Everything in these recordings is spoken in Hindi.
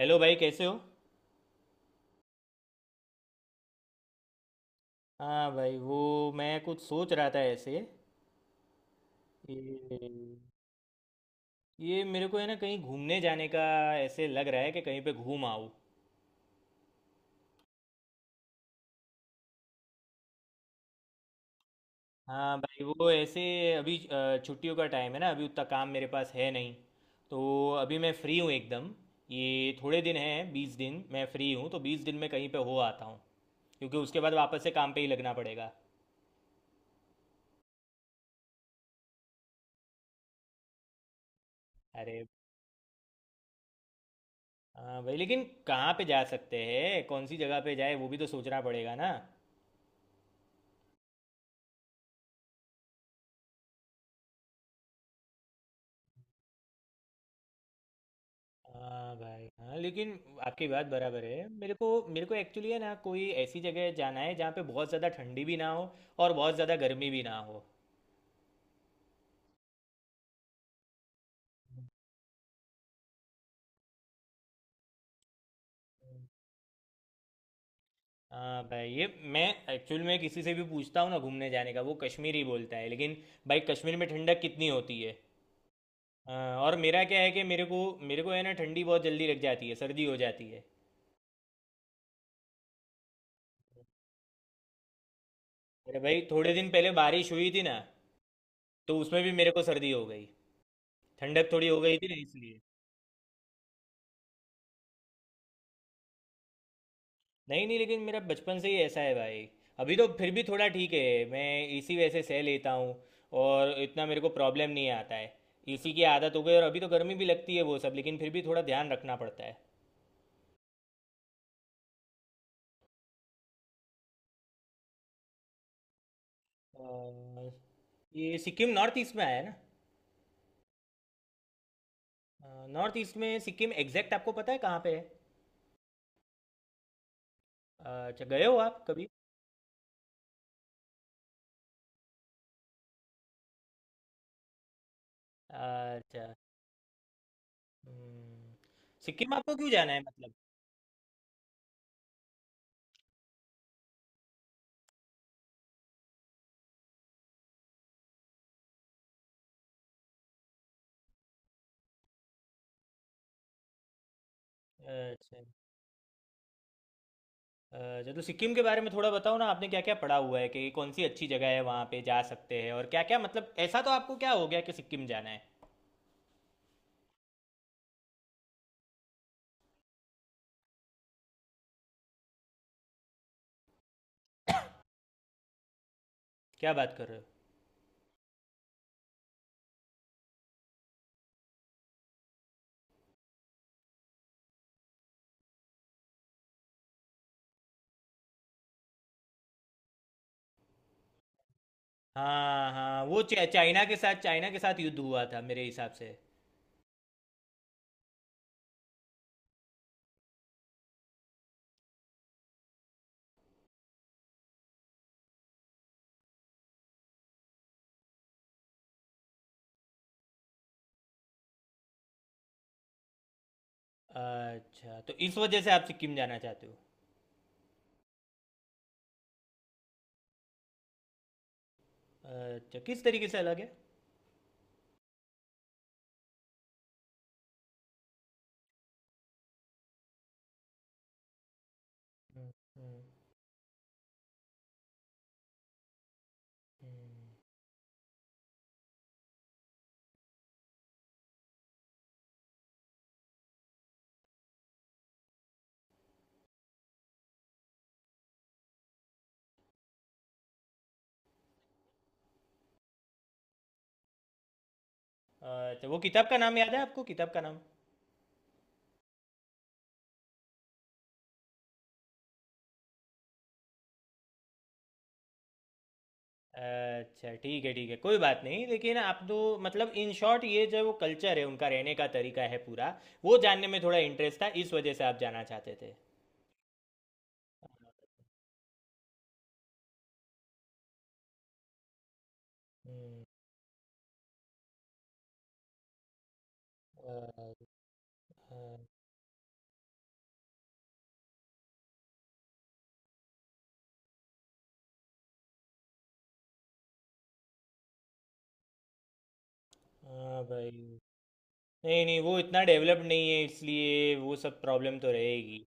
हेलो भाई, कैसे हो। हाँ भाई वो मैं कुछ सोच रहा था ऐसे। ये ये मेरे को है ना, कहीं घूमने जाने का ऐसे लग रहा है कि कहीं पे घूम आऊँ। हाँ भाई वो ऐसे, अभी छुट्टियों का टाइम है ना, अभी उतना काम मेरे पास है नहीं, तो अभी मैं फ्री हूँ एकदम। ये थोड़े दिन हैं, 20 दिन मैं फ्री हूँ, तो 20 दिन में कहीं पे हो आता हूँ, क्योंकि उसके बाद वापस से काम पे ही लगना पड़ेगा। अरे हाँ भाई, लेकिन कहाँ पे जा सकते हैं, कौन सी जगह पे जाए वो भी तो सोचना पड़ेगा ना। हाँ भाई, हाँ लेकिन आपकी बात बराबर है। मेरे को एक्चुअली है ना, कोई ऐसी जगह जाना है जहाँ पे बहुत ज़्यादा ठंडी भी ना हो और बहुत ज़्यादा गर्मी भी ना हो। हाँ भाई, ये मैं एक्चुअल में किसी से भी पूछता हूँ ना घूमने जाने का, वो कश्मीर ही बोलता है, लेकिन भाई, कश्मीर में ठंडक कितनी होती है। हाँ, और मेरा क्या है कि मेरे को है ना, ठंडी बहुत जल्दी लग जाती है, सर्दी हो जाती है। अरे भाई, थोड़े दिन पहले बारिश हुई थी ना, तो उसमें भी मेरे को सर्दी हो गई। ठंडक थोड़ी हो गई थी ना, इसलिए। नहीं नहीं, लेकिन मेरा बचपन से ही ऐसा है भाई। अभी तो फिर भी थोड़ा ठीक है, मैं इसी वजह से सह लेता हूँ और इतना मेरे को प्रॉब्लम नहीं आता है। इसी की आदत हो गई। और अभी तो गर्मी भी लगती है वो सब, लेकिन फिर भी थोड़ा ध्यान रखना पड़ता है। अ, ये सिक्किम नॉर्थ ईस्ट में आया है। ना, नॉर्थ ईस्ट में सिक्किम एग्जैक्ट आपको पता है कहाँ पे है। अच्छा, गए हो आप कभी। अच्छा। हम्म, सिक्किम आपको क्यों जाना है मतलब। अच्छा। अच्छा, तो सिक्किम के बारे में थोड़ा बताओ ना, आपने क्या क्या पढ़ा हुआ है कि कौन सी अच्छी जगह है वहाँ पे जा सकते हैं, और क्या क्या मतलब ऐसा तो आपको क्या हो गया कि सिक्किम जाना है। क्या बात कर रहे हो। हाँ हाँ, वो चाइना के साथ, चाइना के साथ युद्ध हुआ था मेरे हिसाब से। अच्छा, तो इस वजह से आप सिक्किम जाना चाहते हो। अच्छा, किस तरीके से अलग है। हम्म। हम्म। हम्म। अच्छा, वो किताब का नाम याद है आपको, किताब का नाम। अच्छा ठीक है, ठीक है, कोई बात नहीं। लेकिन आप तो मतलब इन शॉर्ट ये जो वो कल्चर है, उनका रहने का तरीका है पूरा, वो जानने में थोड़ा इंटरेस्ट था, इस वजह से आप जाना चाहते थे। हम्म। हाँ। हाँ। हाँ भाई। नहीं नहीं, वो इतना डेवलप्ड नहीं है, इसलिए वो सब प्रॉब्लम तो रहेगी।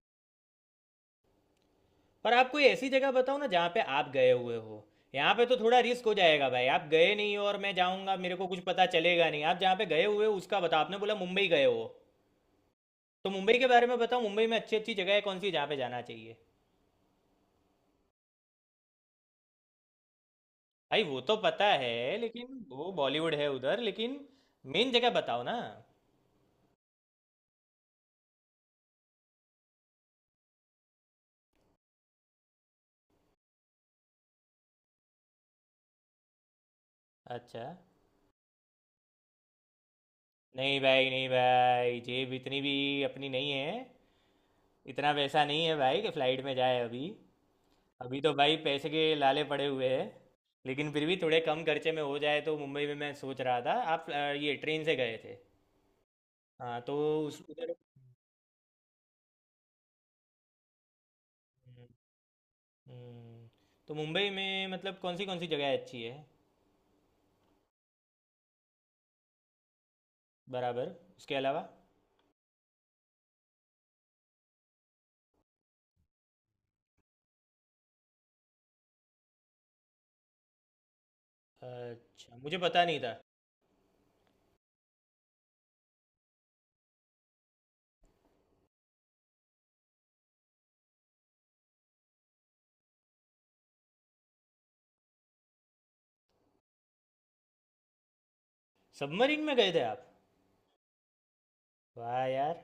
पर आप कोई ऐसी जगह बताओ ना जहाँ पे आप गए हुए हो। यहाँ पे तो थोड़ा रिस्क हो जाएगा भाई, आप गए नहीं हो और मैं जाऊँगा मेरे को कुछ पता चलेगा नहीं। आप जहाँ पे गए हुए हो उसका बताओ, आपने बोला मुंबई गए हो। तो मुंबई के बारे में बताओ, मुंबई में अच्छी अच्छी जगह है कौन सी जहाँ पे जाना चाहिए। भाई वो तो पता है, लेकिन वो बॉलीवुड है उधर, लेकिन मेन जगह बताओ ना। अच्छा। नहीं भाई, नहीं भाई, जेब इतनी भी अपनी नहीं है। इतना पैसा नहीं है भाई कि फ्लाइट में जाए अभी। अभी तो भाई पैसे के लाले पड़े हुए हैं। लेकिन फिर भी थोड़े कम खर्चे में हो जाए तो। मुंबई में मैं सोच रहा था, आप ये ट्रेन से गए थे। हाँ तो उस उधर। हम्म। हम्म। तो मुंबई में मतलब कौन सी जगह अच्छी है। बराबर, उसके अलावा। अच्छा, मुझे पता नहीं था। सबमरीन में गए थे आप। वाह यार।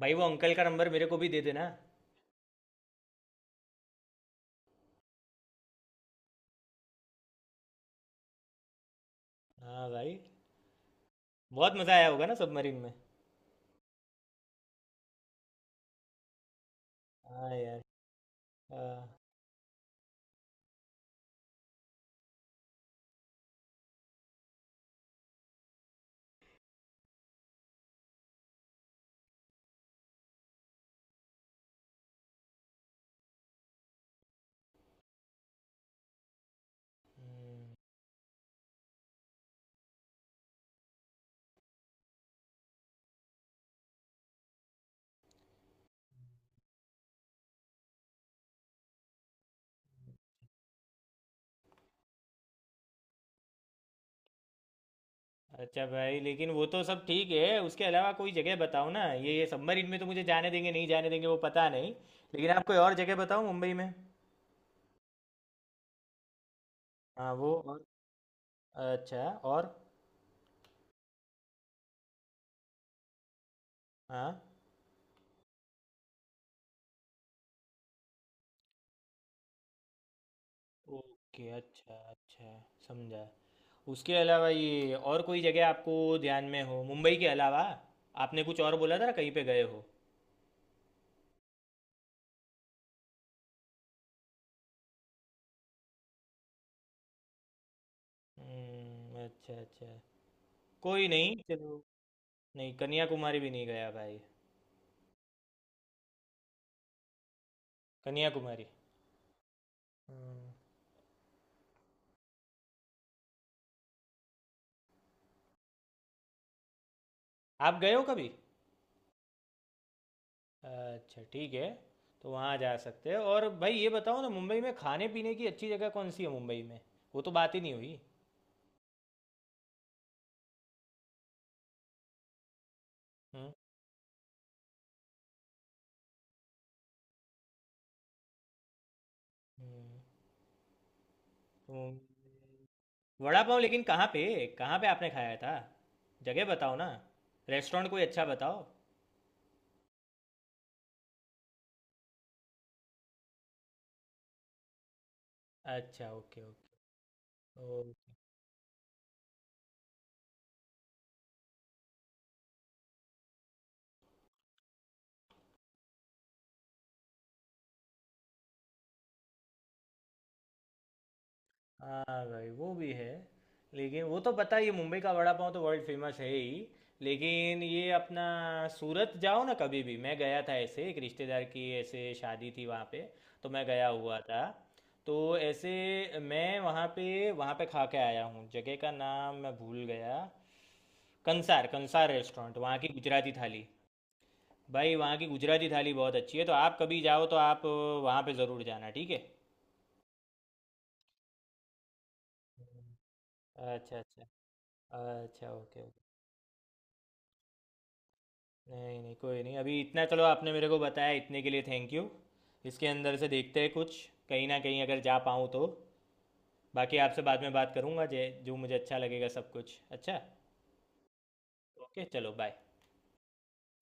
भाई वो अंकल का नंबर मेरे को भी दे देना। हाँ भाई। बहुत मज़ा आया होगा ना सबमरीन में। हाँ यार। हाँ। अच्छा भाई, लेकिन वो तो सब ठीक है, उसके अलावा कोई जगह बताओ ना। ये सबमरीन में तो मुझे जाने देंगे नहीं, जाने देंगे वो पता नहीं, लेकिन आप कोई और जगह बताओ मुंबई में। हाँ वो, और अच्छा, और हाँ, ओके, अच्छा अच्छा, समझा। उसके अलावा ये और कोई जगह आपको ध्यान में हो मुंबई के अलावा। आपने कुछ और बोला था ना कहीं पे गए हो। हम्म। अच्छा अच्छा, कोई नहीं चलो। नहीं कन्याकुमारी भी नहीं गया भाई। कन्याकुमारी। हम्म। आप गए हो कभी। अच्छा ठीक है, तो वहाँ जा सकते हैं। और भाई ये बताओ ना, मुंबई में खाने पीने की अच्छी जगह कौन सी है मुंबई में। वो तो बात ही नहीं हुई। हम्म। तो वड़ा पाव, लेकिन कहाँ पे, कहाँ पे आपने खाया था। जगह बताओ ना, रेस्टोरेंट कोई अच्छा बताओ। अच्छा ओके ओके। ओ। हाँ भाई वो भी है। लेकिन वो तो पता ही है, मुंबई का वड़ा पाव तो वर्ल्ड फेमस है ही। लेकिन ये अपना सूरत जाओ ना कभी भी। मैं गया था ऐसे, एक रिश्तेदार की ऐसे शादी थी वहाँ पे, तो मैं गया हुआ था। तो ऐसे मैं वहाँ पे, वहाँ पे खा के आया हूँ। जगह का नाम मैं भूल गया। कंसार, कंसार रेस्टोरेंट, वहाँ की गुजराती थाली। भाई वहाँ की गुजराती थाली बहुत अच्छी है, तो आप कभी जाओ तो आप वहाँ पे ज़रूर जाना, ठीक है। अच्छा अच्छा, अच्छा ओके ओके। नहीं नहीं, कोई नहीं, अभी इतना चलो, आपने मेरे को बताया इतने के लिए थैंक यू। इसके अंदर से देखते हैं कुछ, कहीं ना कहीं अगर जा पाऊँ तो। बाकी आपसे बाद में बात करूँगा, जे जो मुझे अच्छा लगेगा सब कुछ, अच्छा। ओके चलो, बाय।